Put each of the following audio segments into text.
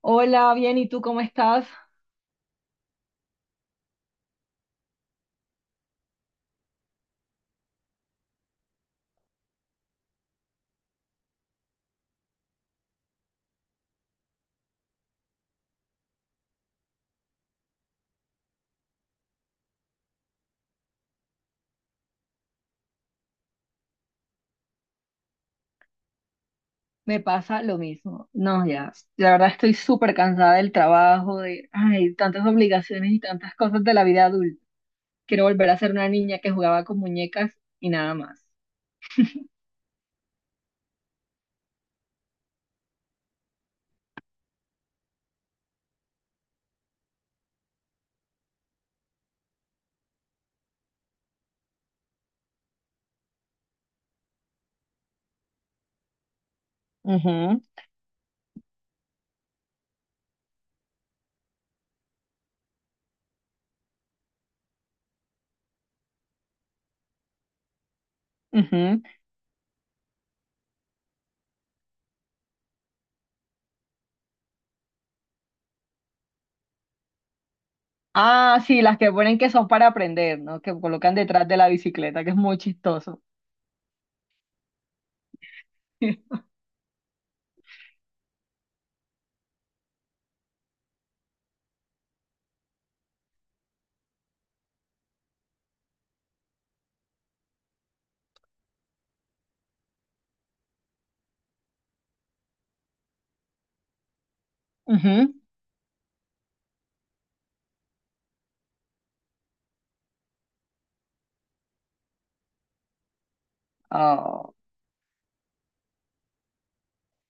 Hola, bien, ¿y tú cómo estás? Me pasa lo mismo. No, ya, la verdad estoy súper cansada del trabajo, de, ay, tantas obligaciones y tantas cosas de la vida adulta. Quiero volver a ser una niña que jugaba con muñecas y nada más. Ujú, ujú. Ah, sí, las que ponen que son para aprender, ¿no? Que colocan detrás de la bicicleta, que es muy chistoso. Ujú.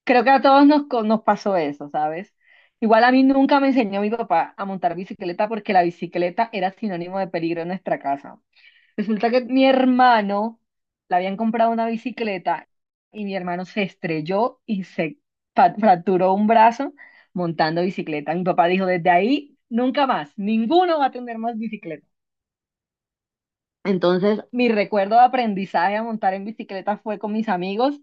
Creo que a todos nos pasó eso, ¿sabes? Igual a mí nunca me enseñó mi papá a montar bicicleta porque la bicicleta era sinónimo de peligro en nuestra casa. Resulta que mi hermano le habían comprado una bicicleta y mi hermano se estrelló y se fracturó un brazo montando bicicleta. Mi papá dijo, desde ahí nunca más, ninguno va a tener más bicicleta. Entonces, mi recuerdo de aprendizaje a montar en bicicleta fue con mis amigos,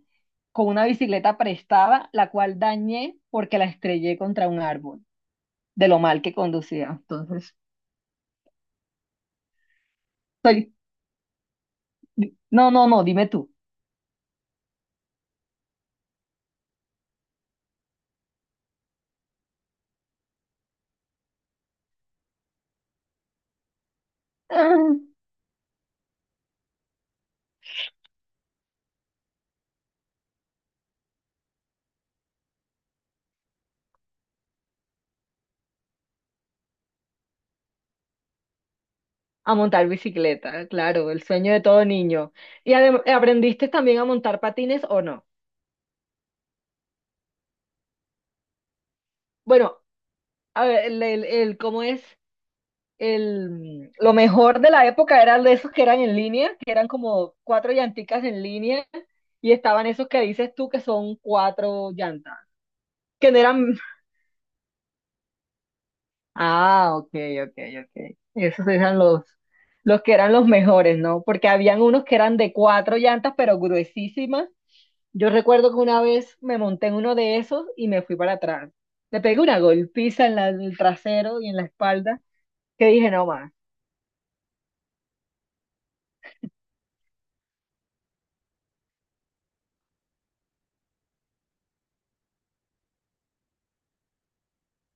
con una bicicleta prestada, la cual dañé porque la estrellé contra un árbol, de lo mal que conducía. Entonces, soy... No, no, no, dime tú. Ah, a montar bicicleta, claro, el sueño de todo niño. ¿Y aprendiste también a montar patines o no? Bueno, a ver, ¿cómo es? El, lo mejor de la época eran de esos que eran en línea, que eran como cuatro llanticas en línea, y estaban esos que dices tú que son cuatro llantas, que no eran... Ah, ok, ok, ok. Esos eran los que eran los mejores, ¿no? Porque habían unos que eran de cuatro llantas, pero gruesísimas. Yo recuerdo que una vez me monté en uno de esos y me fui para atrás. Le pegué una golpiza en, en el trasero y en la espalda, que dije, no más.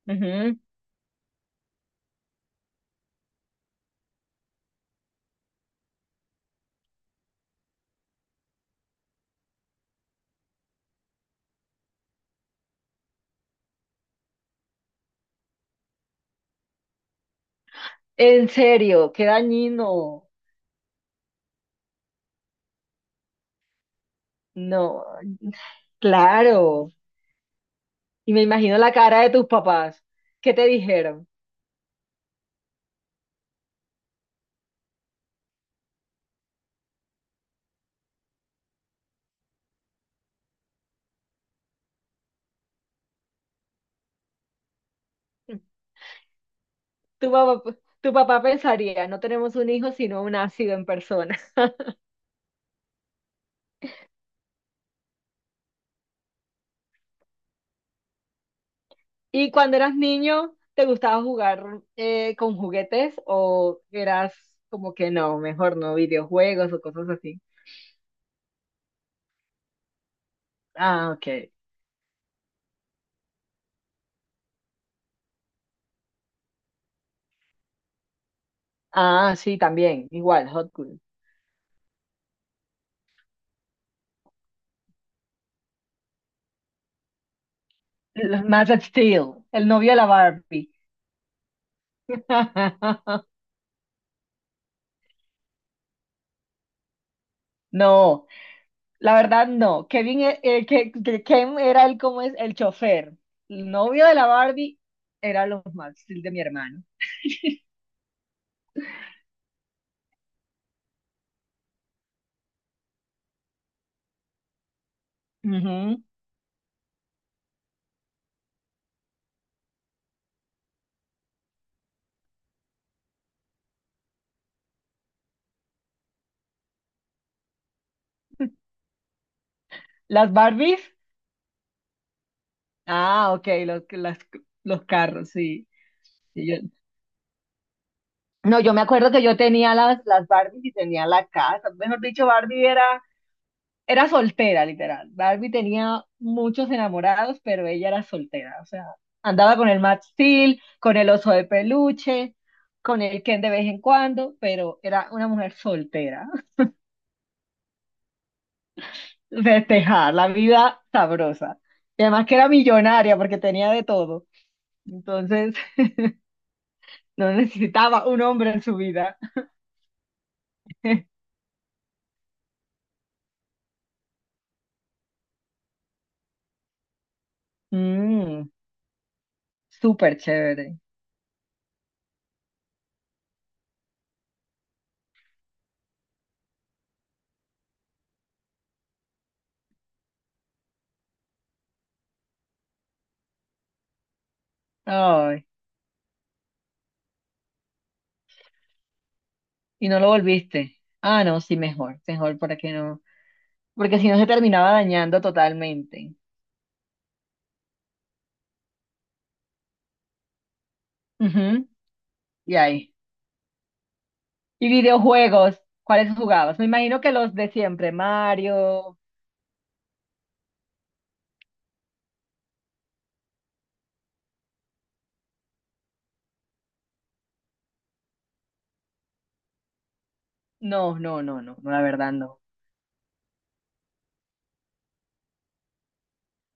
Ujú. En serio, qué dañino. No, claro. Y me imagino la cara de tus papás. ¿Qué te dijeron? Tu papá, tu papá pensaría, no tenemos un hijo, sino un ácido en persona. ¿Y cuando eras niño, te gustaba jugar con juguetes o eras como que no, mejor no, videojuegos o cosas así? Ah, ok. Ah, sí, también, igual, Hot Wheels. Los Man of Steel, el novio de la Barbie. No, la verdad, no. Kevin, Ken era el, como es, el chofer. El novio de la Barbie era los Maxfield de mi hermano. Ujú. Las Barbies, ah, ok, los carros, sí. Y yo- no, yo me acuerdo que yo tenía las Barbies y tenía la casa. Mejor dicho, Barbie era. Era soltera, literal. Barbie tenía muchos enamorados, pero ella era soltera. O sea, andaba con el Max Steel, con el oso de peluche, con el Ken de vez en cuando, pero era una mujer soltera. Festejar la vida sabrosa. Y además que era millonaria porque tenía de todo. Entonces, no necesitaba un hombre en su vida. Mm, súper chévere. Ay, y no lo volviste. Ah, no, sí, mejor. Mejor para que no, porque si no se terminaba dañando totalmente. Ujú, y ahí. Y videojuegos, ¿cuáles jugabas? Me imagino que los de siempre, Mario. No, no, no, no, no, la verdad no.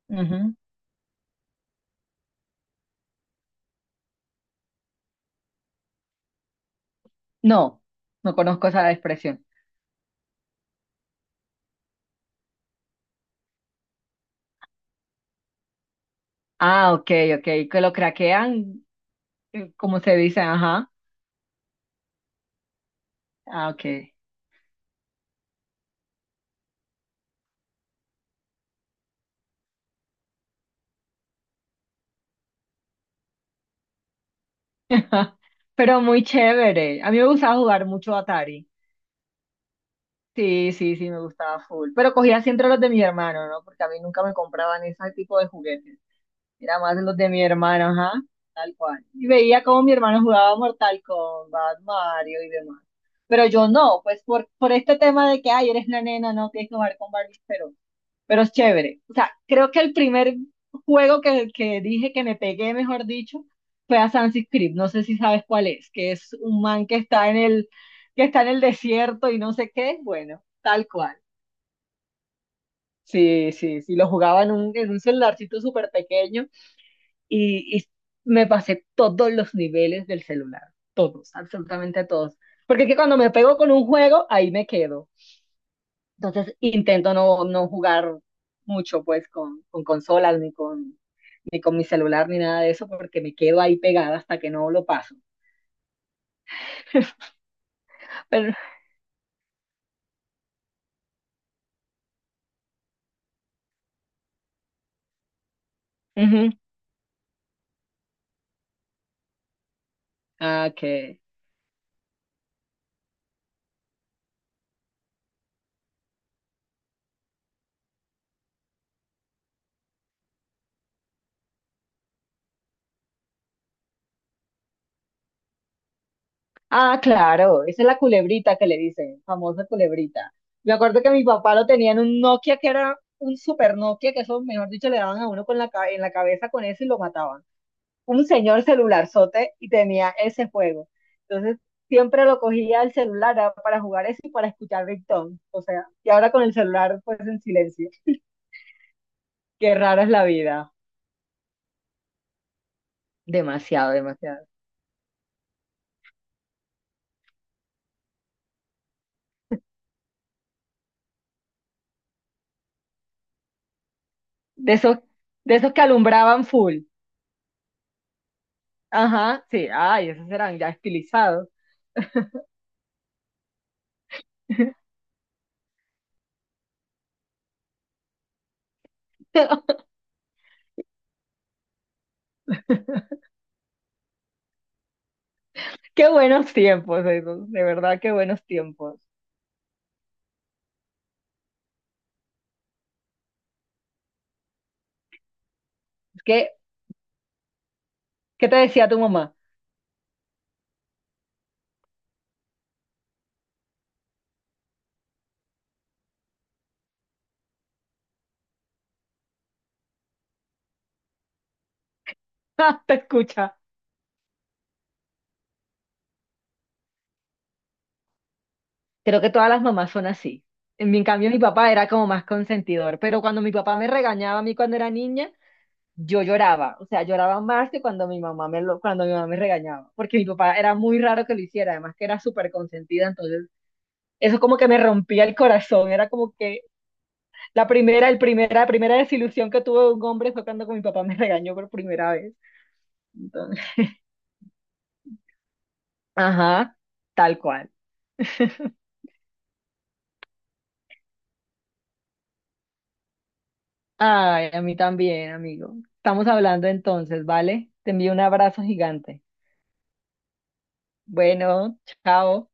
Ujú. No, no conozco esa expresión. Ah, ok, ok, que lo craquean, como se dice, ajá. Ah, ok. Pero muy chévere. A mí me gustaba jugar mucho Atari. Sí, sí, sí, me gustaba full. Pero cogía siempre los de mis hermanos, ¿no? Porque a mí nunca me compraban ese tipo de juguetes. Era más los de mi hermano, ajá, tal cual. Y veía cómo mi hermano jugaba Mortal Kombat, Mario y demás. Pero yo no, pues por este tema de que, ay, eres la nena, no tienes que jugar con Barbie, pero es chévere. O sea, creo que el primer juego que dije que me pegué, mejor dicho, fue a Sunset Creek. No sé si sabes cuál es, que es un man que está en que está en el desierto y no sé qué. Bueno, tal cual. Sí, sí, sí, lo jugaba en un celularcito súper pequeño y me pasé todos los niveles del celular, todos, absolutamente todos. Porque es que cuando me pego con un juego, ahí me quedo. Entonces intento no, no jugar mucho pues con consolas ni con, ni con mi celular ni nada de eso porque me quedo ahí pegada hasta que no lo paso. Pero, ujú. Ah, ok. Ah, claro, esa es la culebrita que le dicen, famosa culebrita. Me acuerdo que mi papá lo tenía en un Nokia que era un super Nokia, que eso, mejor dicho, le daban a uno con en la cabeza con eso y lo mataban. Un señor celularzote y tenía ese juego. Entonces, siempre lo cogía el celular ah, para jugar eso y para escuchar Ringtone. O sea, y ahora con el celular, pues en silencio. Qué rara es la vida. Demasiado, demasiado. De esos, de esos que alumbraban full. Ajá, sí, ay, esos eran ya estilizados. Qué buenos tiempos esos, de verdad, qué buenos tiempos. Es que, ¿qué te decía tu mamá? ¡Ja! Te escucha. Creo que todas las mamás son así. En mi en cambio, mi papá era como más consentidor, pero cuando mi papá me regañaba a mí cuando era niña, yo lloraba, o sea, lloraba más que cuando mi mamá cuando mi mamá me regañaba, porque mi papá era muy raro que lo hiciera, además que era súper consentida, entonces eso como que me rompía el corazón, era como que la primera desilusión que tuve de un hombre fue cuando mi papá me regañó por primera vez. Ajá, tal cual. Ay, a mí también, amigo. Estamos hablando entonces, ¿vale? Te envío un abrazo gigante. Bueno, chao.